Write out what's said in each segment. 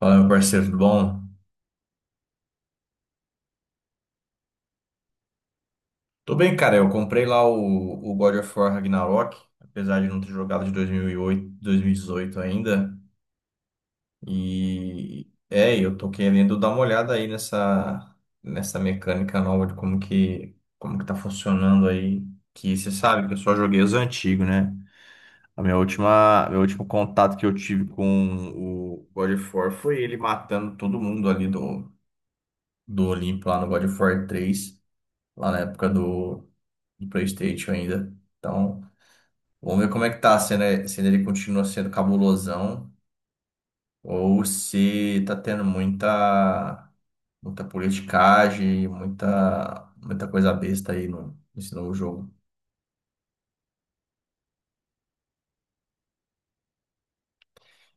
Fala, meu parceiro, tudo bom? Tô bem, cara. Eu comprei lá o God of War Ragnarok, apesar de não ter jogado de 2018 ainda. E é, eu tô querendo dar uma olhada aí nessa mecânica nova de como que tá funcionando aí. Que você sabe que eu só joguei os antigos, né? Meu último contato que eu tive com o God of War foi ele matando todo mundo ali do Olimpo lá no God of War 3, lá na época do PlayStation ainda. Então, vamos ver como é que tá, se, né, se ele continua sendo cabulosão ou se tá tendo muita politicagem, muita coisa besta aí no, nesse novo jogo.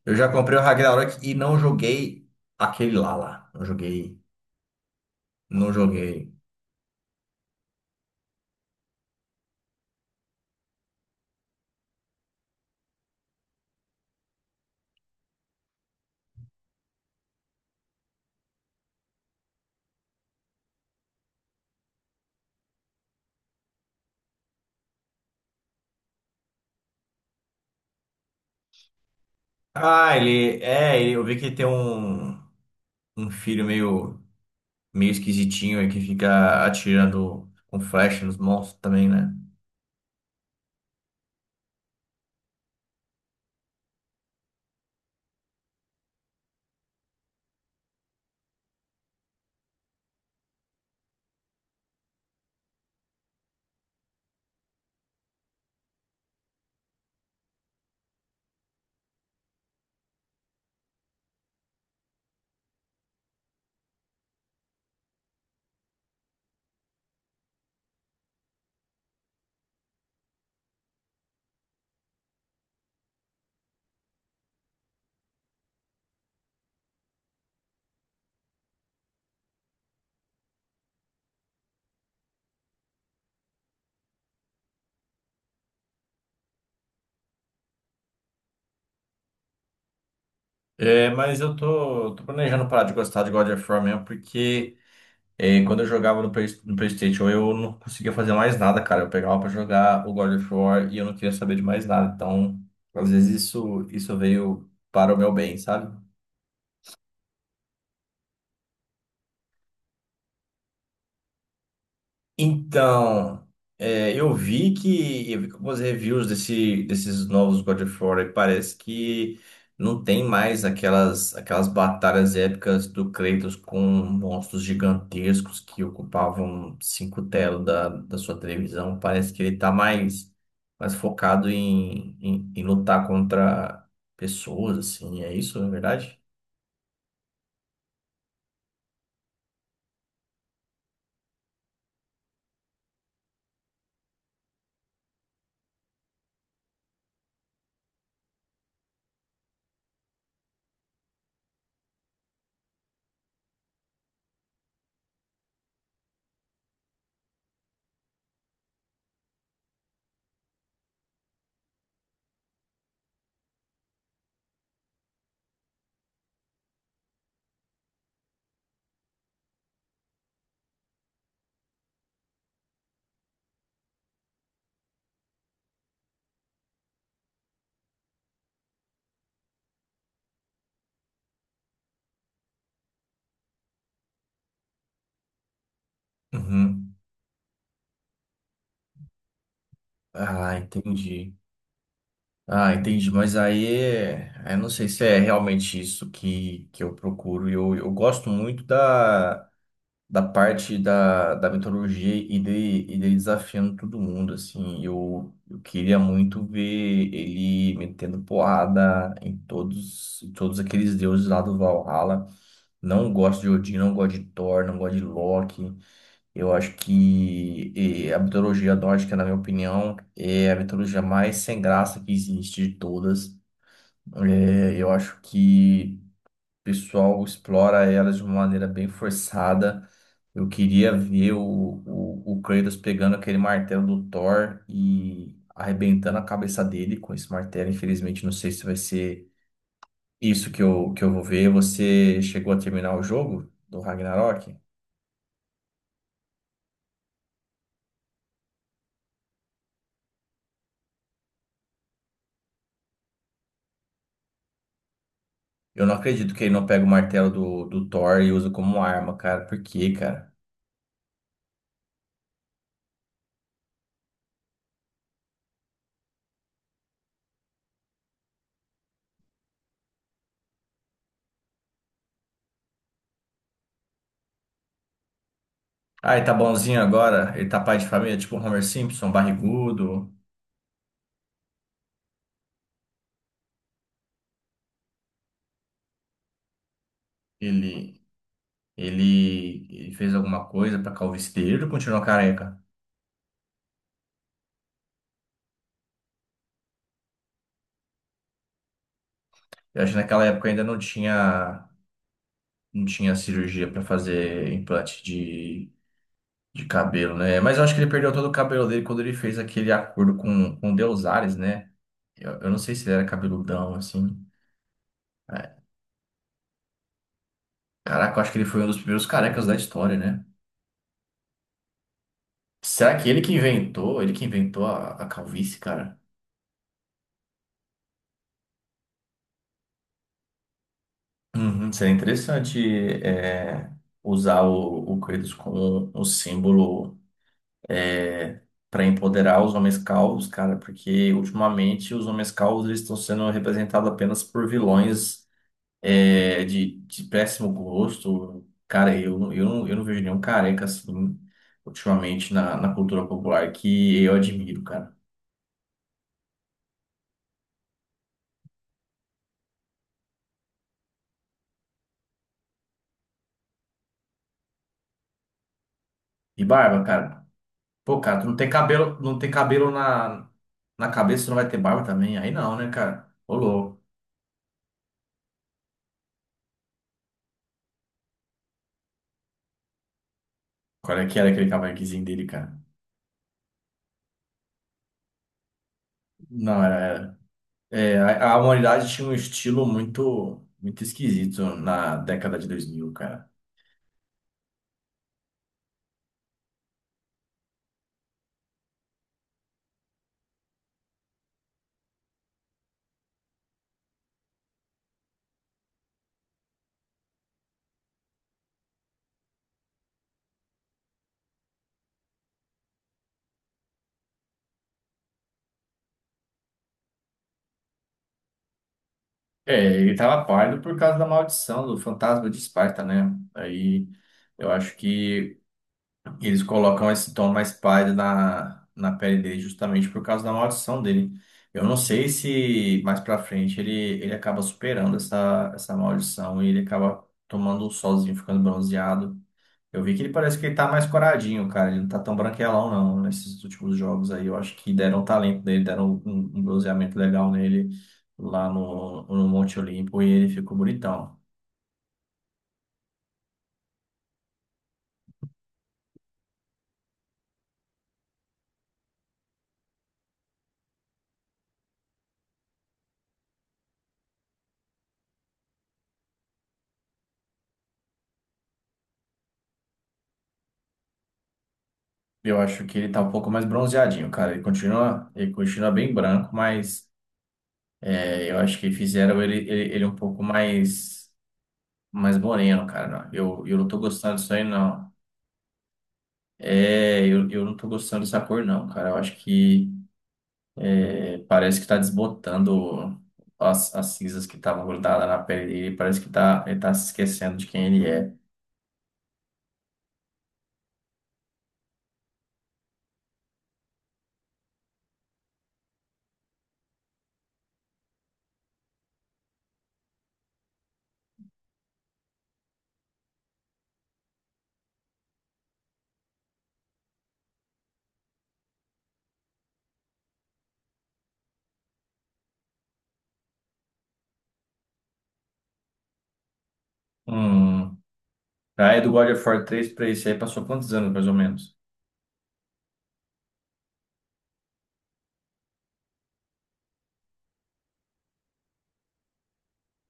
Eu já comprei o Ragnarok e não joguei aquele lá. Não joguei, não joguei. Ah, eu vi que tem um filho meio esquisitinho aí que fica atirando com flecha nos monstros também, né? É, mas eu tô planejando parar de gostar de God of War mesmo, porque é, quando eu jogava no PlayStation eu não conseguia fazer mais nada, cara. Eu pegava pra jogar o God of War e eu não queria saber de mais nada. Então, às vezes isso veio para o meu bem, sabe? Então, é, eu vi que algumas reviews desses novos God of War e parece que não tem mais aquelas batalhas épicas do Kratos com monstros gigantescos que ocupavam cinco telas da sua televisão. Parece que ele tá mais focado em lutar contra pessoas, assim, é isso, na verdade? Uhum. Ah, entendi. Ah, entendi, mas aí eu não sei se é realmente isso que eu procuro. Eu gosto muito da parte da metodologia e dele desafiando todo mundo, assim. Eu queria muito ver ele metendo porrada em todos aqueles deuses lá do Valhalla. Não gosto de Odin, não gosto de Thor, não gosto de Loki. Eu acho que a mitologia nórdica, na minha opinião, é a mitologia mais sem graça que existe de todas. É, eu acho que o pessoal explora elas de uma maneira bem forçada. Eu queria ver o Kratos pegando aquele martelo do Thor e arrebentando a cabeça dele com esse martelo. Infelizmente, não sei se vai ser isso que eu vou ver. Você chegou a terminar o jogo do Ragnarok? Eu não acredito que ele não pega o martelo do Thor e usa como arma, cara. Por quê, cara? Ah, ele tá bonzinho agora? Ele tá pai de família, tipo o Homer Simpson, barrigudo. Ele. Ele fez alguma coisa para calvície dele, ele continuou careca. Eu acho que naquela época ainda não tinha cirurgia para fazer implante de cabelo, né? Mas eu acho que ele perdeu todo o cabelo dele quando ele fez aquele acordo com o Deus Ares, né? Eu não sei se ele era cabeludão, assim. É, caraca, eu acho que ele foi um dos primeiros carecas da história, né? Será que ele que inventou? Ele que inventou a calvície, cara? Uhum, seria interessante é, usar o Kratos como um símbolo para empoderar os homens calvos, cara, porque ultimamente os homens calvos eles estão sendo representados apenas por vilões é, de péssimo gosto. Cara, eu não vejo nenhum careca assim ultimamente na cultura popular que eu admiro, cara. E barba, cara. Pô, cara, tu não tem cabelo, não tem cabelo na cabeça, tu não vai ter barba também? Aí não, né, cara? Ô, louco. Qual é que era aquele cavanhaquezinho dele, cara? Não, era. É, a humanidade tinha um estilo muito, muito esquisito na década de 2000, cara. É, ele tava pálido por causa da maldição do fantasma de Esparta, né? Aí eu acho que eles colocam esse tom mais pálido na pele dele justamente por causa da maldição dele. Eu não sei se mais pra frente ele acaba superando essa maldição e ele acaba tomando um solzinho, ficando bronzeado. Eu vi que ele parece que ele tá mais coradinho, cara. Ele não tá tão branquelão, não, nesses últimos jogos aí. Eu acho que deram um talento nele, deram um bronzeamento legal nele lá no Monte Olimpo e ele ficou bonitão. Eu acho que ele tá um pouco mais bronzeadinho, cara. Ele continua bem branco, mas. É, eu acho que fizeram ele um pouco mais, mais moreno, cara. Não, eu não tô gostando disso aí, não. É, eu não tô gostando dessa cor, não, cara. Eu acho que é, parece que tá desbotando as cinzas que estavam grudadas na pele dele. Parece que ele tá se esquecendo de quem ele é. Hum. Aí do God of War 3 pra esse aí passou quantos anos, mais ou menos?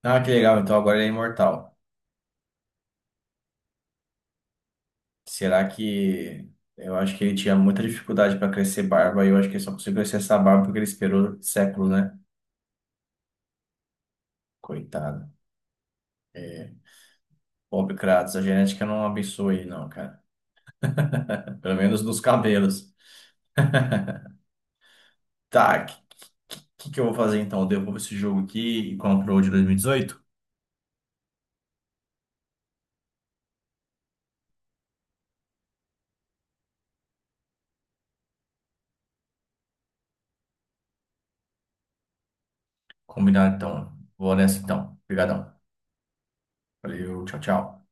Ah, que legal. Então agora ele é imortal. Será que. Eu acho que ele tinha muita dificuldade para crescer barba e eu acho que ele só conseguiu crescer essa barba porque ele esperou séculos, né? Coitado. É. Pobre Kratos, a genética não abençoa ele, não, cara. Pelo menos nos cabelos. Tá, o que eu vou fazer então? Eu devolvo esse jogo aqui e compro o de 2018? Combinado então. Vou nessa então. Obrigadão. Valeu, tchau, tchau.